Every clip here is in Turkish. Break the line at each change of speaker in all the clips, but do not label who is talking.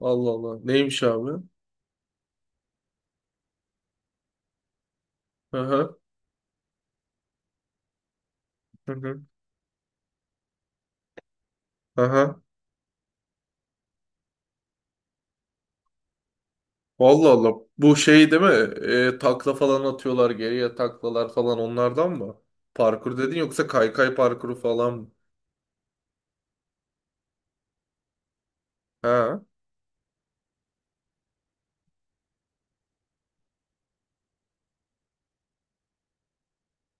Allah Allah. Neymiş abi? Hı hı. Hı hı. Hı hı. Allah Allah. Bu şey değil mi? Takla falan atıyorlar, geriye taklalar falan, onlardan mı? Parkur dedin, yoksa kaykay parkuru falan mı? Ha.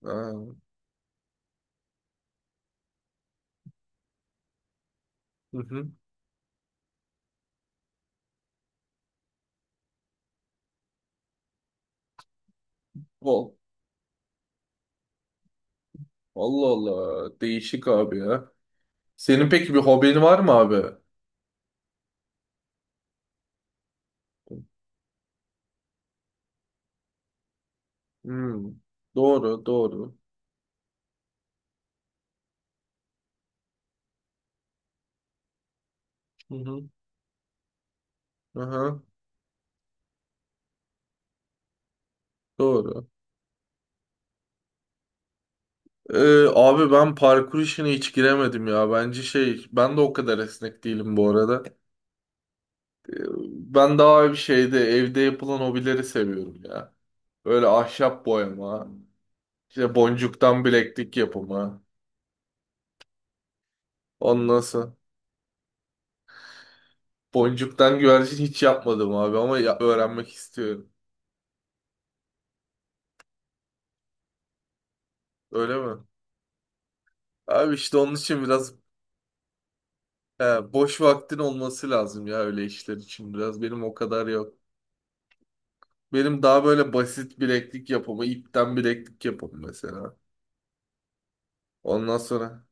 Ha. Hı hı. Ol. Allah Allah. Değişik abi ya. Senin peki bir hobin var mı abi? Hmm. Doğru, doğru. Hı hı. Hı hı. Doğru. Abi ben parkur işine hiç giremedim ya. Bence şey, ben de o kadar esnek değilim bu arada. Ben daha bir şeyde evde yapılan hobileri seviyorum ya. Böyle ahşap boyama, işte boncuktan bileklik yapımı. Ondan sonra boncuktan güvercin hiç yapmadım abi ama ya- öğrenmek istiyorum. Öyle mi? Abi işte onun için biraz he, boş vaktin olması lazım ya öyle işler için biraz. Benim o kadar yok. Benim daha böyle basit bileklik yapımı, ipten bileklik yapımı mesela. Ondan sonra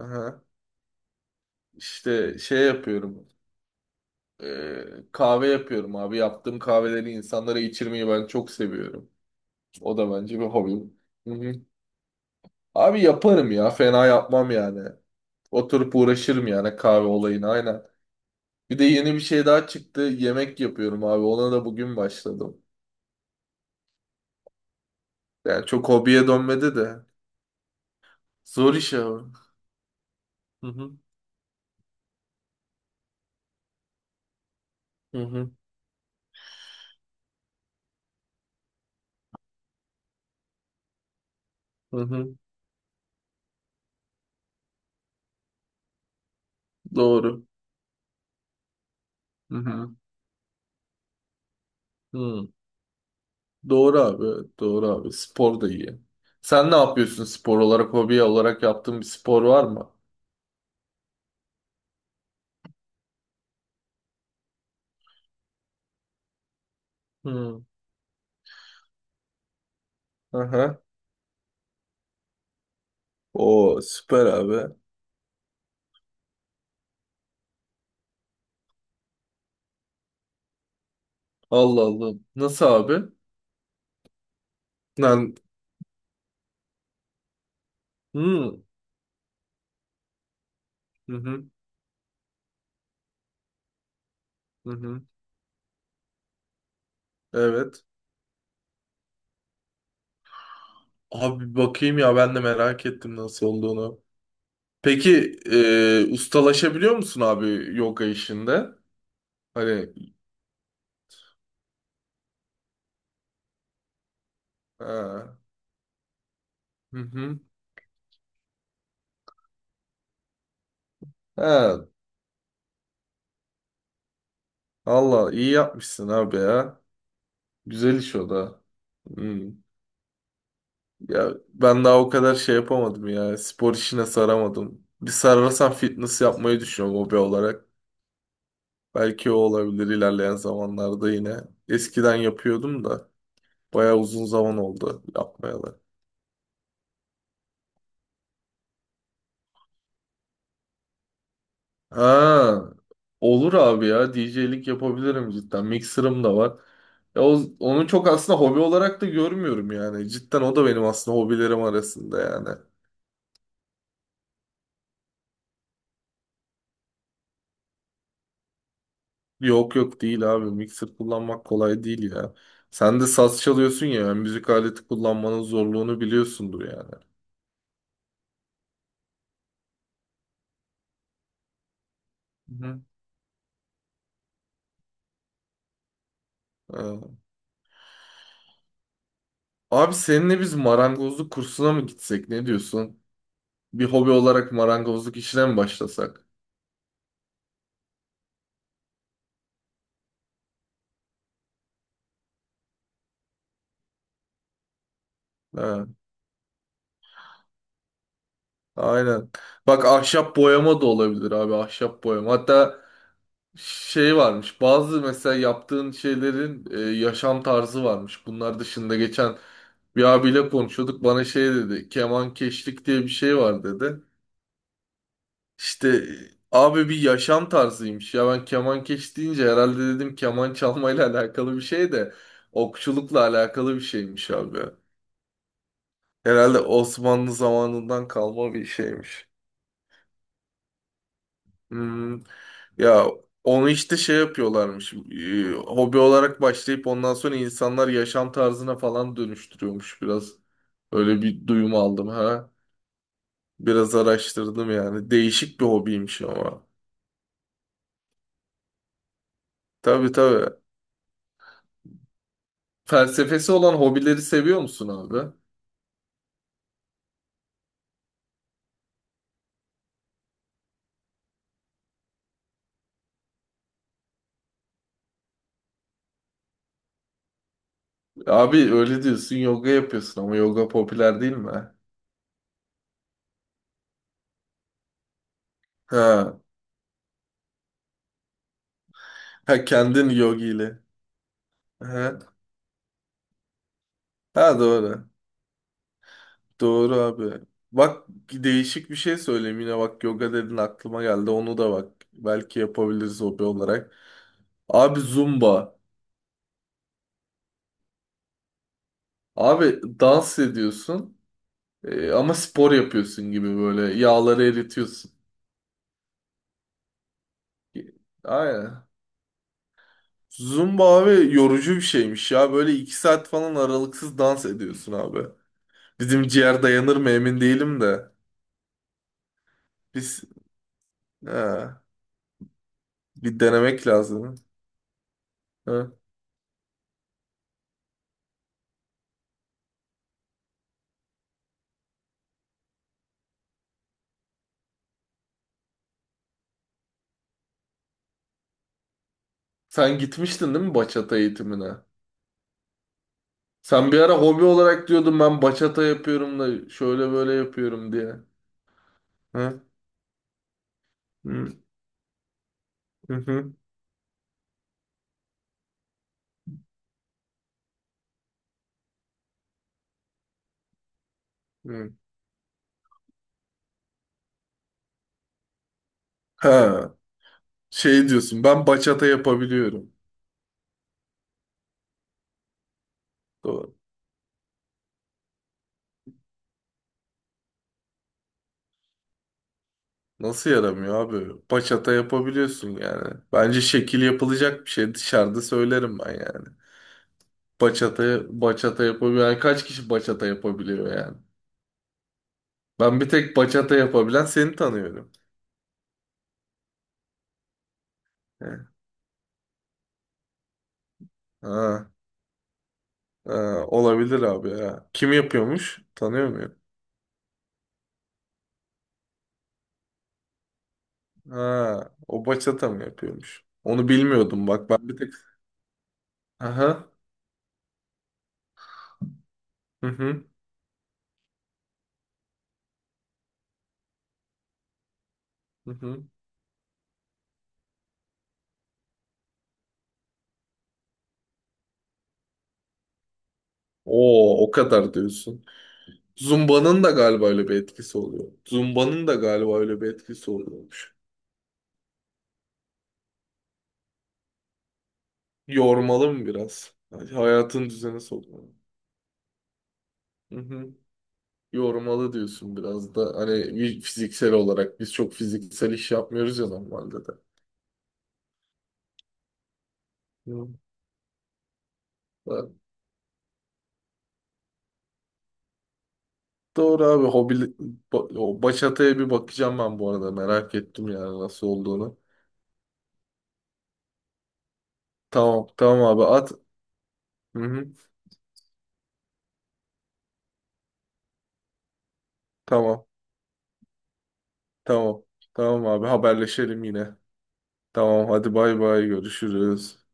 aha, işte şey yapıyorum. Ee, Kahve yapıyorum abi. Yaptığım kahveleri insanlara içirmeyi ben çok seviyorum. O da bence bir hobim. Hı hı. Abi yaparım ya. Fena yapmam yani. Oturup uğraşırım yani kahve olayına, aynen. Bir de yeni bir şey daha çıktı. Yemek yapıyorum abi. Ona da bugün başladım. Yani çok hobiye dönmedi de. Zor iş abi. Hı hı. Hı hı. Hı hı. Doğru. Hı hı. Hı. Doğru abi. Evet, doğru abi. Spor da iyi. Sen ne yapıyorsun spor olarak, hobi olarak yaptığın bir spor var mı? Hı. Aha. O süper abi. Allah Allah. Nasıl abi? Lan. Hı. Hı hı. Hı hı. Evet. Abi bakayım ya, ben de merak ettim nasıl olduğunu. Peki ustalaşabiliyor musun abi yoga işinde? Hani ha. Hı hı. Ha. Allah iyi yapmışsın abi ya. Güzel iş o da. Hı. Ya ben daha o kadar şey yapamadım ya. Spor işine saramadım. Bir sarılsam fitness yapmayı düşünüyorum hobi olarak. Belki o olabilir ilerleyen zamanlarda yine. Eskiden yapıyordum da bayağı uzun zaman oldu yapmayalı. Ha, olur abi ya, DJ'lik yapabilirim cidden. Mixer'ım da var. Ya o, onu çok aslında hobi olarak da görmüyorum yani. Cidden o da benim aslında hobilerim arasında yani. Yok yok, değil abi. Mixer kullanmak kolay değil ya. Sen de saz çalıyorsun ya, yani müzik aleti kullanmanın zorluğunu biliyorsundur yani. Hı hı. Ha. Abi seninle biz marangozluk kursuna mı gitsek? Ne diyorsun? Bir hobi olarak marangozluk işine mi başlasak? Ha, aynen. Bak ahşap boyama da olabilir abi, ahşap boyama. Hatta şey varmış, bazı mesela yaptığın şeylerin yaşam tarzı varmış. Bunlar dışında geçen bir abiyle konuşuyorduk, bana şey dedi, keman keşlik diye bir şey var dedi. İşte abi bir yaşam tarzıymış ya, ben keman keş deyince herhalde dedim keman çalmayla alakalı bir şey de okçulukla alakalı bir şeymiş abi. Herhalde Osmanlı zamanından kalma bir şeymiş. Hmm. Ya onu işte şey yapıyorlarmış. Hobi olarak başlayıp ondan sonra insanlar yaşam tarzına falan dönüştürüyormuş biraz. Öyle bir duyum aldım ha. Biraz araştırdım yani. Değişik bir hobiymiş ama. Tabii tabii. Felsefesi olan hobileri seviyor musun abi? Abi öyle diyorsun, yoga yapıyorsun, ama yoga popüler değil mi? Ha. Ha, kendin yogiyle. Ha. Ha doğru. Doğru abi. Bak, değişik bir şey söyleyeyim yine, bak yoga dedin aklıma geldi, onu da bak belki yapabiliriz hobi olarak. Abi zumba. Abi dans ediyorsun ama spor yapıyorsun gibi, böyle yağları eritiyorsun. Aynen. Zumba abi yorucu bir şeymiş ya, böyle iki saat falan aralıksız dans ediyorsun abi. Bizim ciğer dayanır mı emin değilim de. Biz ha, bir denemek lazım. Ha. Sen gitmiştin değil mi bachata eğitimine? Sen bir ara hobi olarak diyordun ben bachata yapıyorum da şöyle böyle yapıyorum diye. Ha? Hı, hı, hı. Ha, şey diyorsun, ben bachata yapabiliyorum. Doğru. Nasıl yaramıyor abi? Bachata yapabiliyorsun yani. Bence şekil yapılacak bir şey, dışarıda söylerim ben yani. Bachata, bachata yapabiliyor. Yani kaç kişi bachata yapabiliyor yani? Ben bir tek bachata yapabilen seni tanıyorum. Ha, ha, ha, olabilir abi ya. Kim yapıyormuş? Tanıyor muyum? Ha, o bachata mı yapıyormuş? Onu bilmiyordum bak, ben bir tek. Aha. Hı hı. Hı hı. Oo, o kadar diyorsun. Zumba'nın da galiba öyle bir etkisi oluyor. Zumba'nın da galiba öyle bir etkisi oluyormuş. Yormalı mı biraz? Hani hayatın düzene sokmalı. Hı hı. Yormalı diyorsun biraz da. Hani bir fiziksel olarak biz çok fiziksel iş yapmıyoruz ya normalde de. Hı. Da- doğru abi hobi ba- o bachata'ya bir bakacağım ben, bu arada merak ettim yani nasıl olduğunu. Tamam tamam abi, at. Hı-hı. Tamam tamam, tamam abi, haberleşelim yine. Tamam, hadi bay bay, görüşürüz.